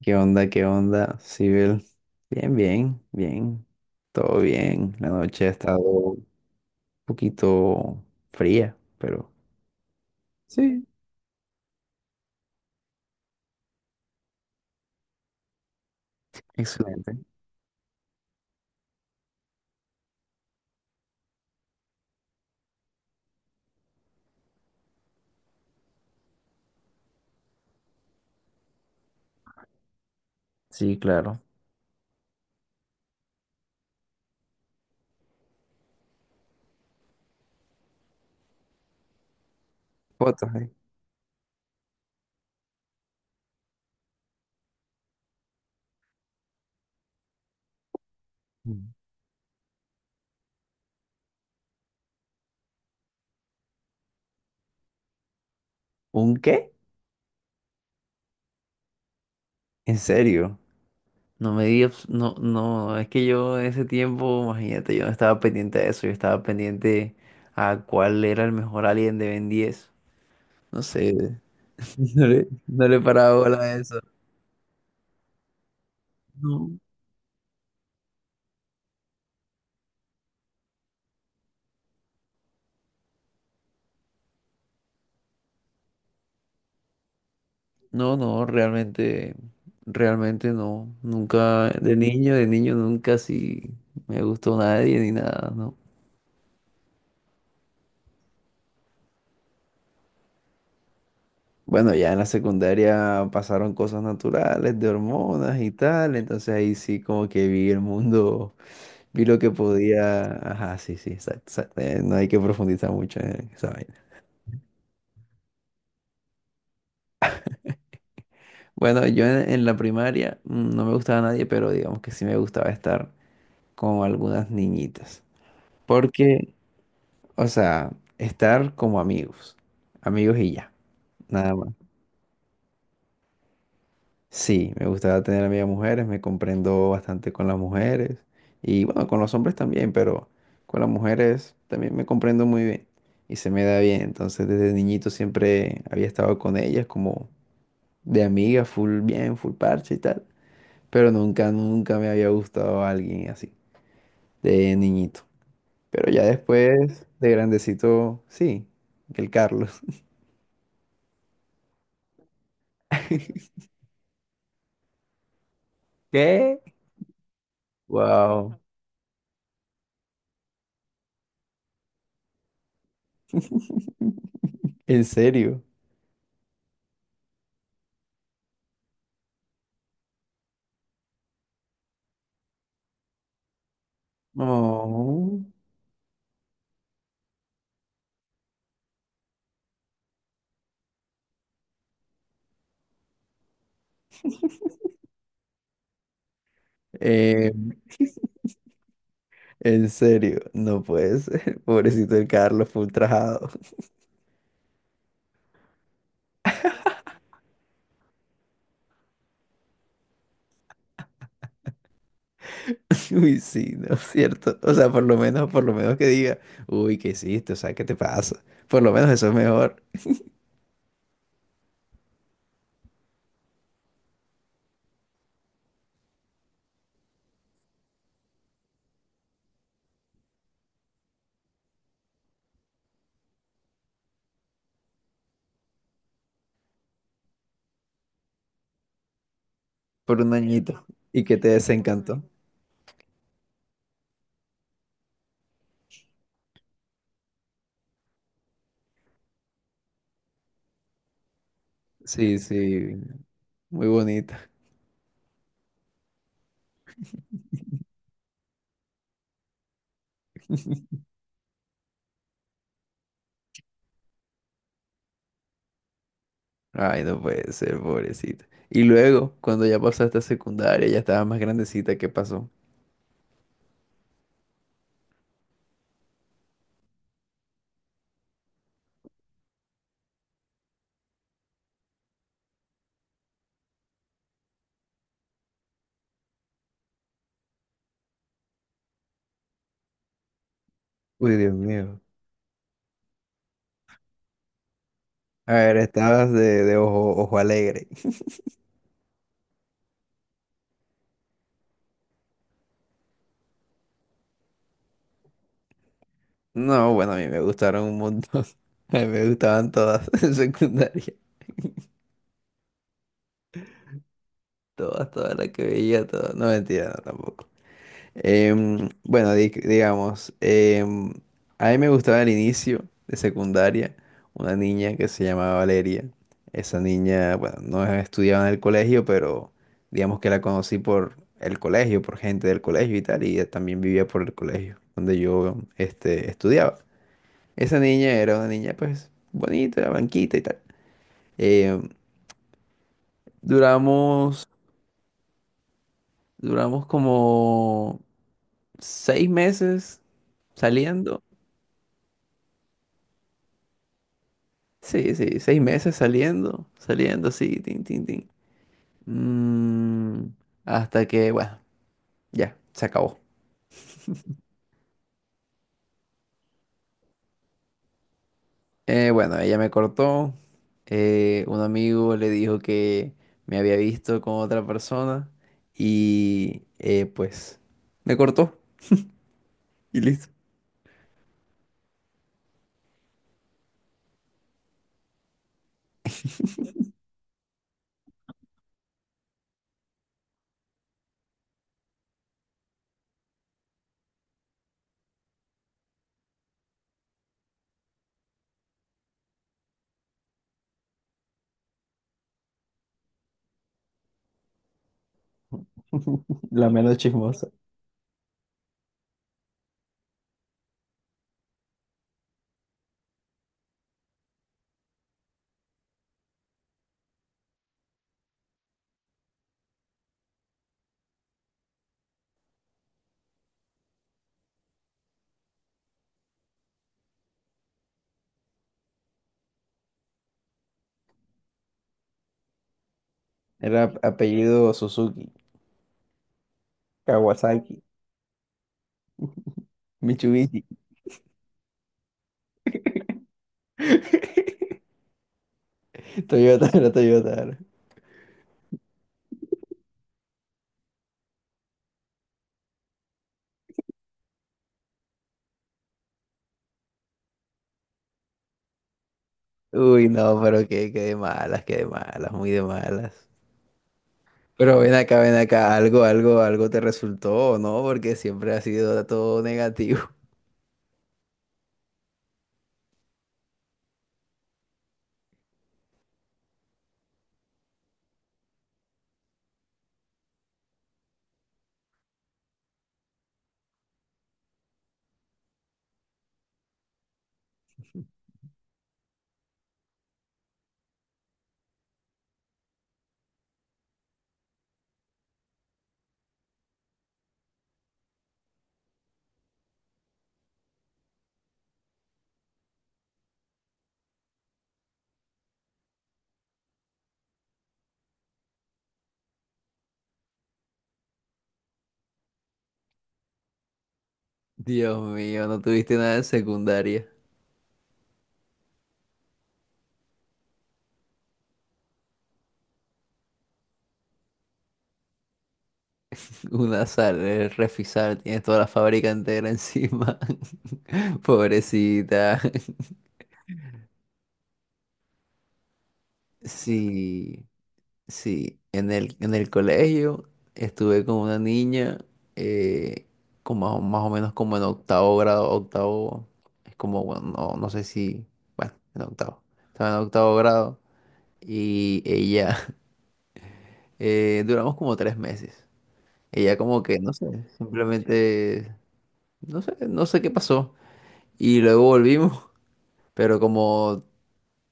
¿Qué onda? ¿Qué onda, Sibel? Bien, bien, bien. Todo bien. La noche ha estado un poquito fría, pero... Sí, excelente. Sí, claro. Fotos, ¿eh? Mm. ¿Un qué? ¿En serio? No me digas, no, no, es que yo en ese tiempo, imagínate, yo no estaba pendiente de eso, yo estaba pendiente a cuál era el mejor alien de Ben 10. No sé, no le paraba bola a eso. No. No, no, realmente no. Nunca, de niño nunca sí me gustó nadie ni nada, ¿no? Bueno, ya en la secundaria pasaron cosas naturales, de hormonas y tal, entonces ahí sí como que vi el mundo, vi lo que podía. Ajá, sí, sí, exacto, exacto, no hay que profundizar mucho en esa vaina. Bueno, yo en la primaria no me gustaba nadie, pero digamos que sí me gustaba estar con algunas niñitas. Porque O sea, estar como amigos, amigos y ya, nada más. Sí, me gustaba tener amigas mujeres, me comprendo bastante con las mujeres y bueno, con los hombres también, pero con las mujeres también me comprendo muy bien y se me da bien. Entonces, desde niñito siempre había estado con ellas como de amiga, full bien, full parche y tal, pero nunca, nunca me había gustado alguien así, de niñito. Pero ya después, de grandecito, sí, el Carlos. ¿Qué? Wow. ¿En serio? Oh. Eh, en serio, no puede ser. Pobrecito el Carlos full ultrajado. Uy, sí, no es cierto. O sea, por lo menos que diga, uy, ¿qué hiciste? O sea, ¿qué te pasa? Por lo menos eso es mejor. Por un añito. Y que te desencantó. Sí, sí, muy bonita. Ay, no puede ser, pobrecita. Y luego, cuando ya pasaste a secundaria, ya estaba más grandecita, ¿qué pasó? Uy, Dios mío. A ver, estabas de ojo, ojo alegre. No, bueno, a mí me gustaron un montón. A mí me gustaban todas en secundaria. Todas, todas las que veía, todas. No, mentira, no, tampoco. Bueno, digamos, a mí me gustaba al inicio de secundaria una niña que se llamaba Valeria. Esa niña, bueno, no estudiaba en el colegio, pero digamos que la conocí por el colegio, por gente del colegio y tal, y ella también vivía por el colegio donde yo estudiaba. Esa niña era una niña, pues, bonita, blanquita y tal. Eh, duramos, duramos, como seis meses saliendo. Sí, sí, seis meses saliendo, saliendo sí tin, tin, tin. Mm, hasta que, bueno, ya, se acabó. Bueno, ella me cortó. Un amigo le dijo que me había visto con otra persona y pues me cortó y listo. La menos chismosa. Era apellido Suzuki, Kawasaki, Mitsubishi. Toyota, era Toyota. Era. Uy, no, pero qué de malas, qué de malas, muy de malas. Pero ven acá, algo, algo, algo te resultó, ¿o no? Porque siempre ha sido todo negativo. Dios mío, no tuviste nada en secundaria. Una sal, el refisar, tienes toda la fábrica entera encima. Pobrecita. Sí. Sí, en el colegio estuve con una niña, eh, con más, o más o menos como en octavo grado, octavo, es como, bueno, no, no sé si, bueno, en octavo, estaba en octavo grado y ella, duramos como tres meses. Ella como que, no sé, simplemente, no sé qué pasó. Y luego volvimos, pero como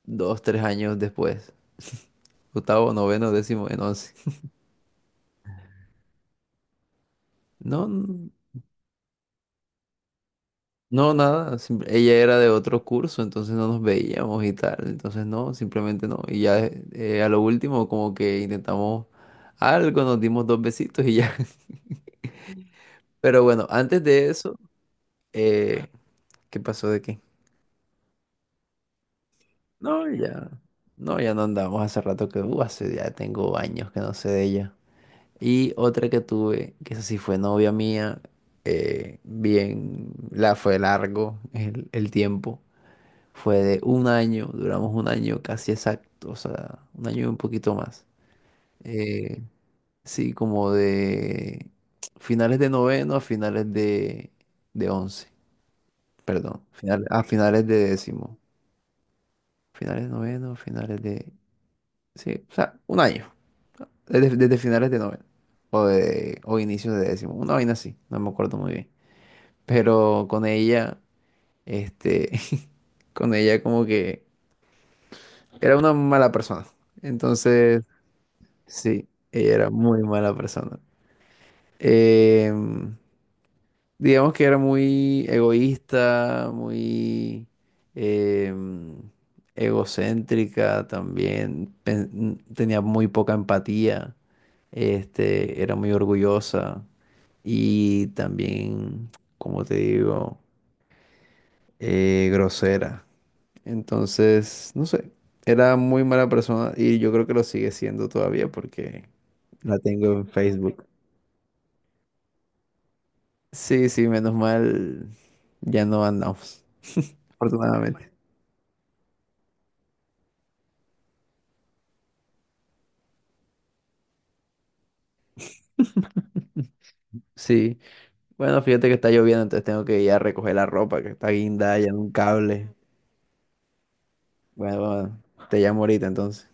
dos, tres años después, octavo, noveno, décimo, en once. No. No, nada, ella era de otro curso, entonces no nos veíamos y tal, entonces no, simplemente no. Y ya a lo último como que intentamos algo, nos dimos dos besitos y ya. Pero bueno, antes de eso, eh, ¿qué pasó de qué? No, ya, no, ya no andamos hace rato que, hace ya tengo años que no sé de ella. Y otra que tuve, que esa sí fue novia mía, bien, la fue largo el tiempo. Fue de un año, duramos un año casi exacto, o sea, un año y un poquito más. Eh, sí, como de finales de noveno a finales de once, perdón, a finales de décimo. Finales de noveno, finales de... Sí, o sea, un año, desde, finales de noveno o, o inicios de décimo, una vaina así, no me acuerdo muy bien. Pero con ella, este, con ella como que era una mala persona. Entonces... Sí, ella era muy mala persona. Em, digamos que era muy egoísta, muy em, egocéntrica también. Tenía muy poca empatía. Era muy orgullosa y también, como te digo, grosera. Entonces, no sé, era muy mala persona y yo creo que lo sigue siendo todavía porque la tengo en Facebook. Sí, sí, menos mal ya no andamos, afortunadamente. Sí, bueno, fíjate que está lloviendo, entonces tengo que ir a recoger la ropa que está guindada ya en un cable. Bueno, bueno, te llamo ahorita entonces.